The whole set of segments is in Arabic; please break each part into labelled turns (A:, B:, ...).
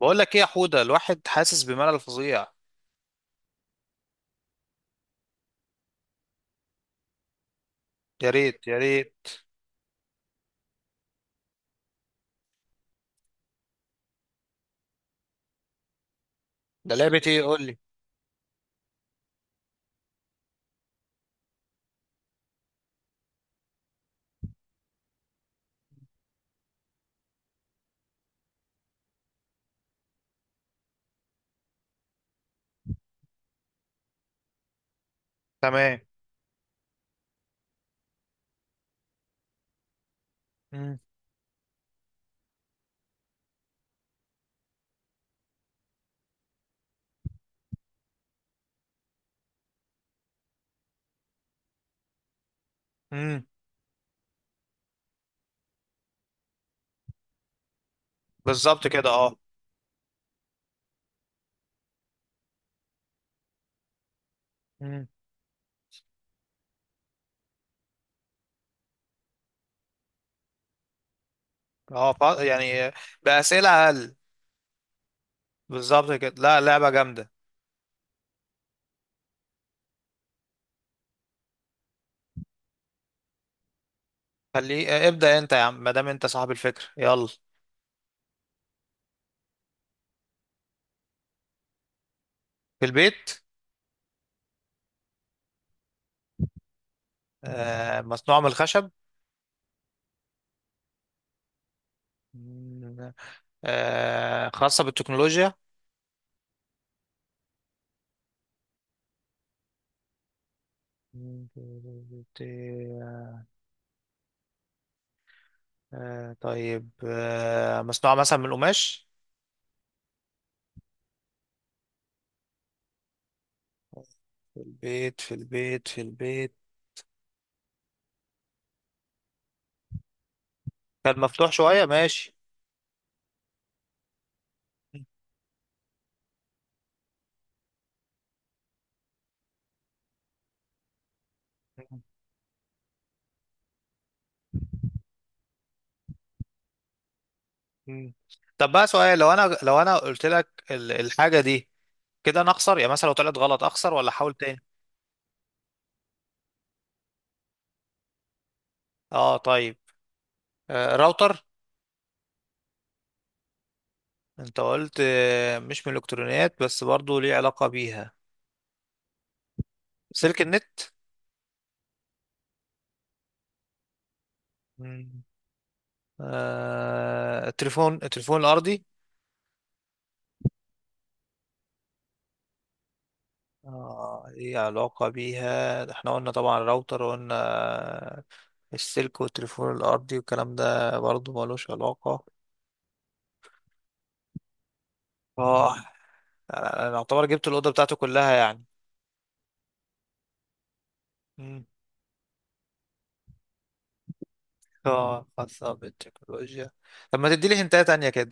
A: بقول لك ايه يا حوده؟ الواحد حاسس بملل فظيع. يا ريت يا ريت. ده لعبة ايه؟ قول لي. تمام. امم. امم. بالظبط كده، اه. امم. اه، يعني بأسئلة اقل. بالظبط كده. لا، لعبة جامدة. خليه، ابدأ انت يا عم، ما دام انت صاحب الفكرة، يلا. في البيت. آه، مصنوع من الخشب؟ مم. آه، خاصة بالتكنولوجيا؟ مم. آه طيب، آه مصنوعة مثلا من القماش؟ في البيت، في البيت، في البيت. كان مفتوح شوية، ماشي. مم. مم. طب بقى سؤال، لو انا لو انا قلت لك الحاجة دي كده انا اخسر؟ يعني مثلا لو طلعت غلط اخسر ولا احاول تاني؟ اه طيب. آه، راوتر. انت قلت آه مش من الالكترونيات بس برضو ليه علاقة بيها. سلك النت. مم. آه، التليفون، التليفون الارضي. اه ليه علاقة بيها، احنا قلنا طبعا راوتر، وقلنا السلك والتليفون الارضي والكلام ده برضو ملوش علاقة. اه. أنا اعتبر جبت الاوضه بتاعته كلها يعني. مم. اه خاصه بالتكنولوجيا. طب ما تديلي هنتايه تانية كده.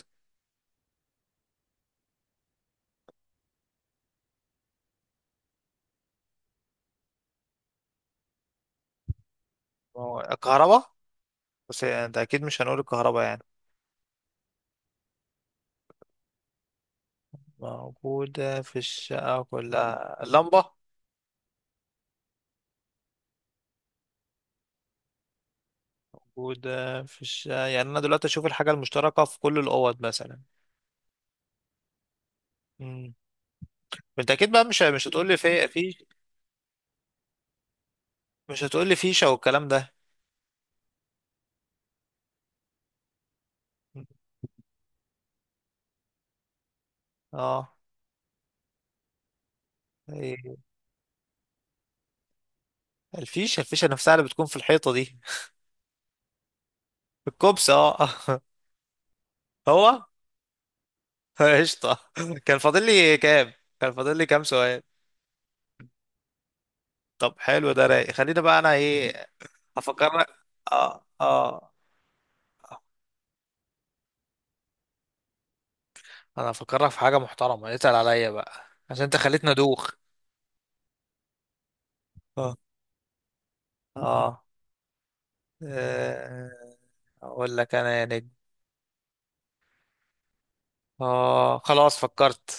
A: ما هو الكهرباء، بس انت اكيد مش هنقول الكهرباء يعني. موجوده في الشقه كلها، اللمبه. موجوده في الشقه، يعني انا دلوقتي اشوف الحاجه المشتركه في كل الاوض مثلا. مم. انت اكيد بقى مش هتقول لي في في مش هتقول لي فيشه والكلام ده. مم. اه. إيه. الفيشه، الفيشه نفسها اللي بتكون في الحيطه دي. الكوبس، اه. هو. قشطة. كان فاضل لي كام، كان فاضل لي كام سؤال؟ طب حلو، ده رايق. خلينا بقى انا ايه. افكرك. اه، اه. انا افكرك في حاجة محترمة، اتقل عليا بقى عشان انت خليتنا دوخ. اه. اه. آه. اقول لك انا يا نجم، اه خلاص فكرت.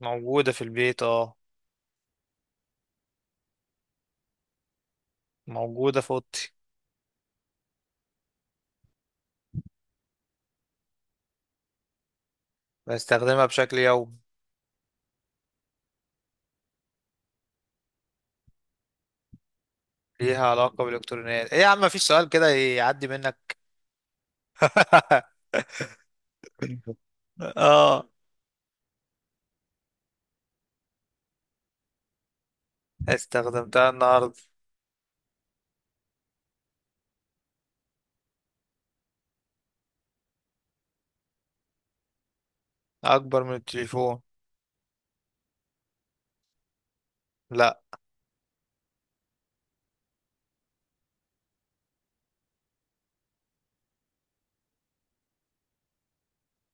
A: موجودة في البيت، اه. موجودة في اوضتي. بستخدمها بشكل يومي. ليها علاقة بالالكترونيات. ايه يا عم؟ مفيش سؤال كده يعدي منك. اه. استخدمتها النهاردة. أكبر من التليفون. لا.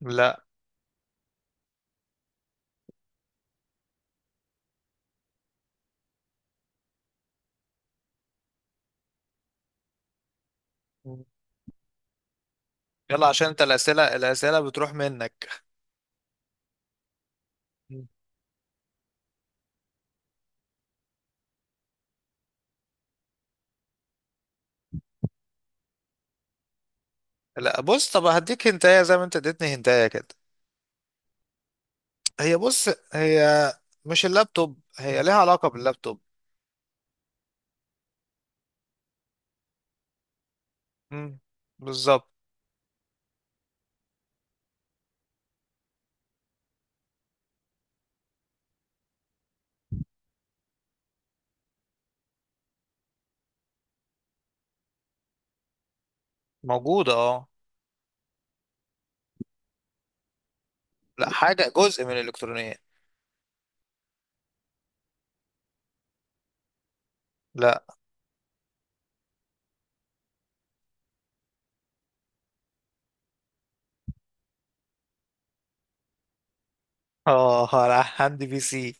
A: لا، يلا عشان أنت الأسئلة الأسئلة بتروح منك. مم. لا بص، طب هديك هنتاية زي ما أنت اديتني هنتاية كده. هي مش اللابتوب، هي ليها علاقة باللابتوب. مم. بالظبط. موجودة، اه. لا، حاجة جزء من الإلكترونية. لا. اه، لا، عندي بي سي.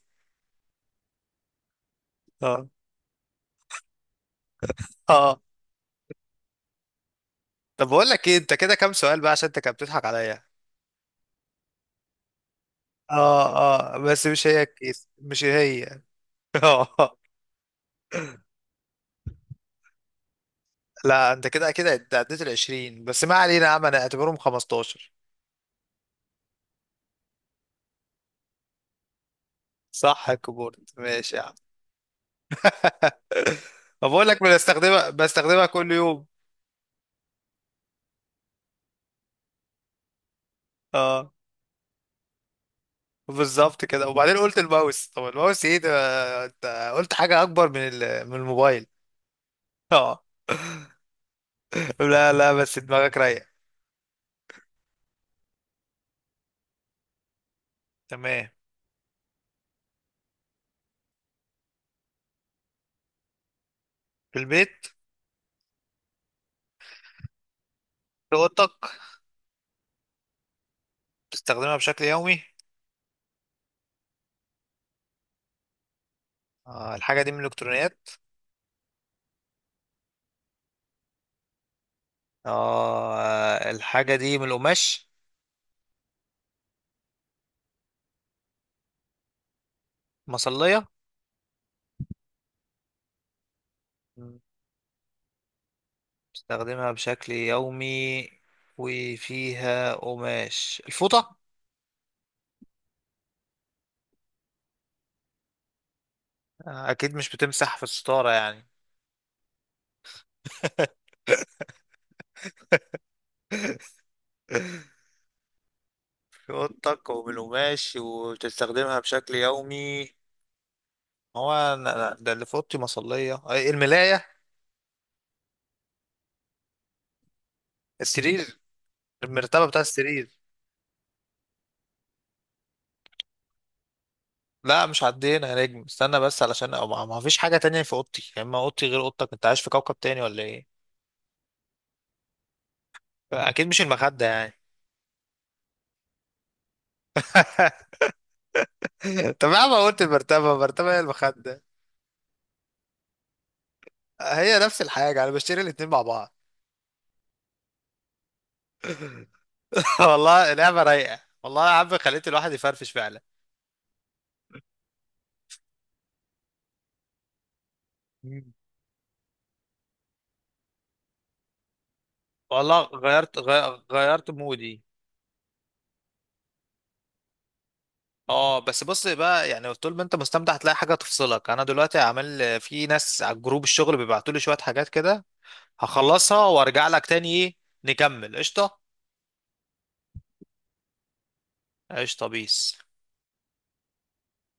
A: اه. اه. طب بقول لك ايه، انت كده كام سؤال بقى؟ عشان انت كده بتضحك عليا. اه. اه بس مش هي الكيس، مش هي. لا، انت كده كده عديت ال 20، بس ما علينا يا عم، انا اعتبرهم 15. صح، الكيبورد، ماشي يا عم. ما بقول لك، بستخدمها كل يوم، اه. بالظبط كده. وبعدين قلت الماوس؟ طب الماوس ايه ده؟ انت قلت حاجة اكبر من من الموبايل. اه. لا لا، بس دماغك رايقة. تمام. في البيت. في اوضتك. بتستخدمها بشكل يومي. آه، الحاجة دي من الالكترونيات. آه، الحاجة دي من القماش. مصلية. استخدمها بشكل يومي وفيها قماش، الفوطة. أكيد مش بتمسح في الستارة يعني. في أوضتك ومن قماش وبتستخدمها بشكل يومي. هو أنا- ده اللي في أوضتي مصلية، أي الملاية. السرير. المرتبة بتاع السرير. لا مش عدينا يا نجم، استنى بس، علشان أو ما فيش حاجة تانية في أوضتي، يا إما أوضتي غير أوضتك، أنت عايش في كوكب تاني ولا إيه؟ أكيد مش المخدة يعني. طب يا عم، قلت المرتبة، المرتبة هي المخدة؟ هي نفس الحاجة، أنا بشتري الاتنين مع بعض. والله لعبة رايقة، والله يا عم خليت الواحد يفرفش فعلا. مم. والله غيرت، غيرت مودي. اه بس بص بقى، يعني طول ما انت مستمتع هتلاقي حاجه تفصلك. انا دلوقتي عامل في ناس على جروب الشغل بيبعتوا لي شويه حاجات كده، هخلصها وارجع لك تاني، ايه نكمل؟ قشطه. قشطه، بيس.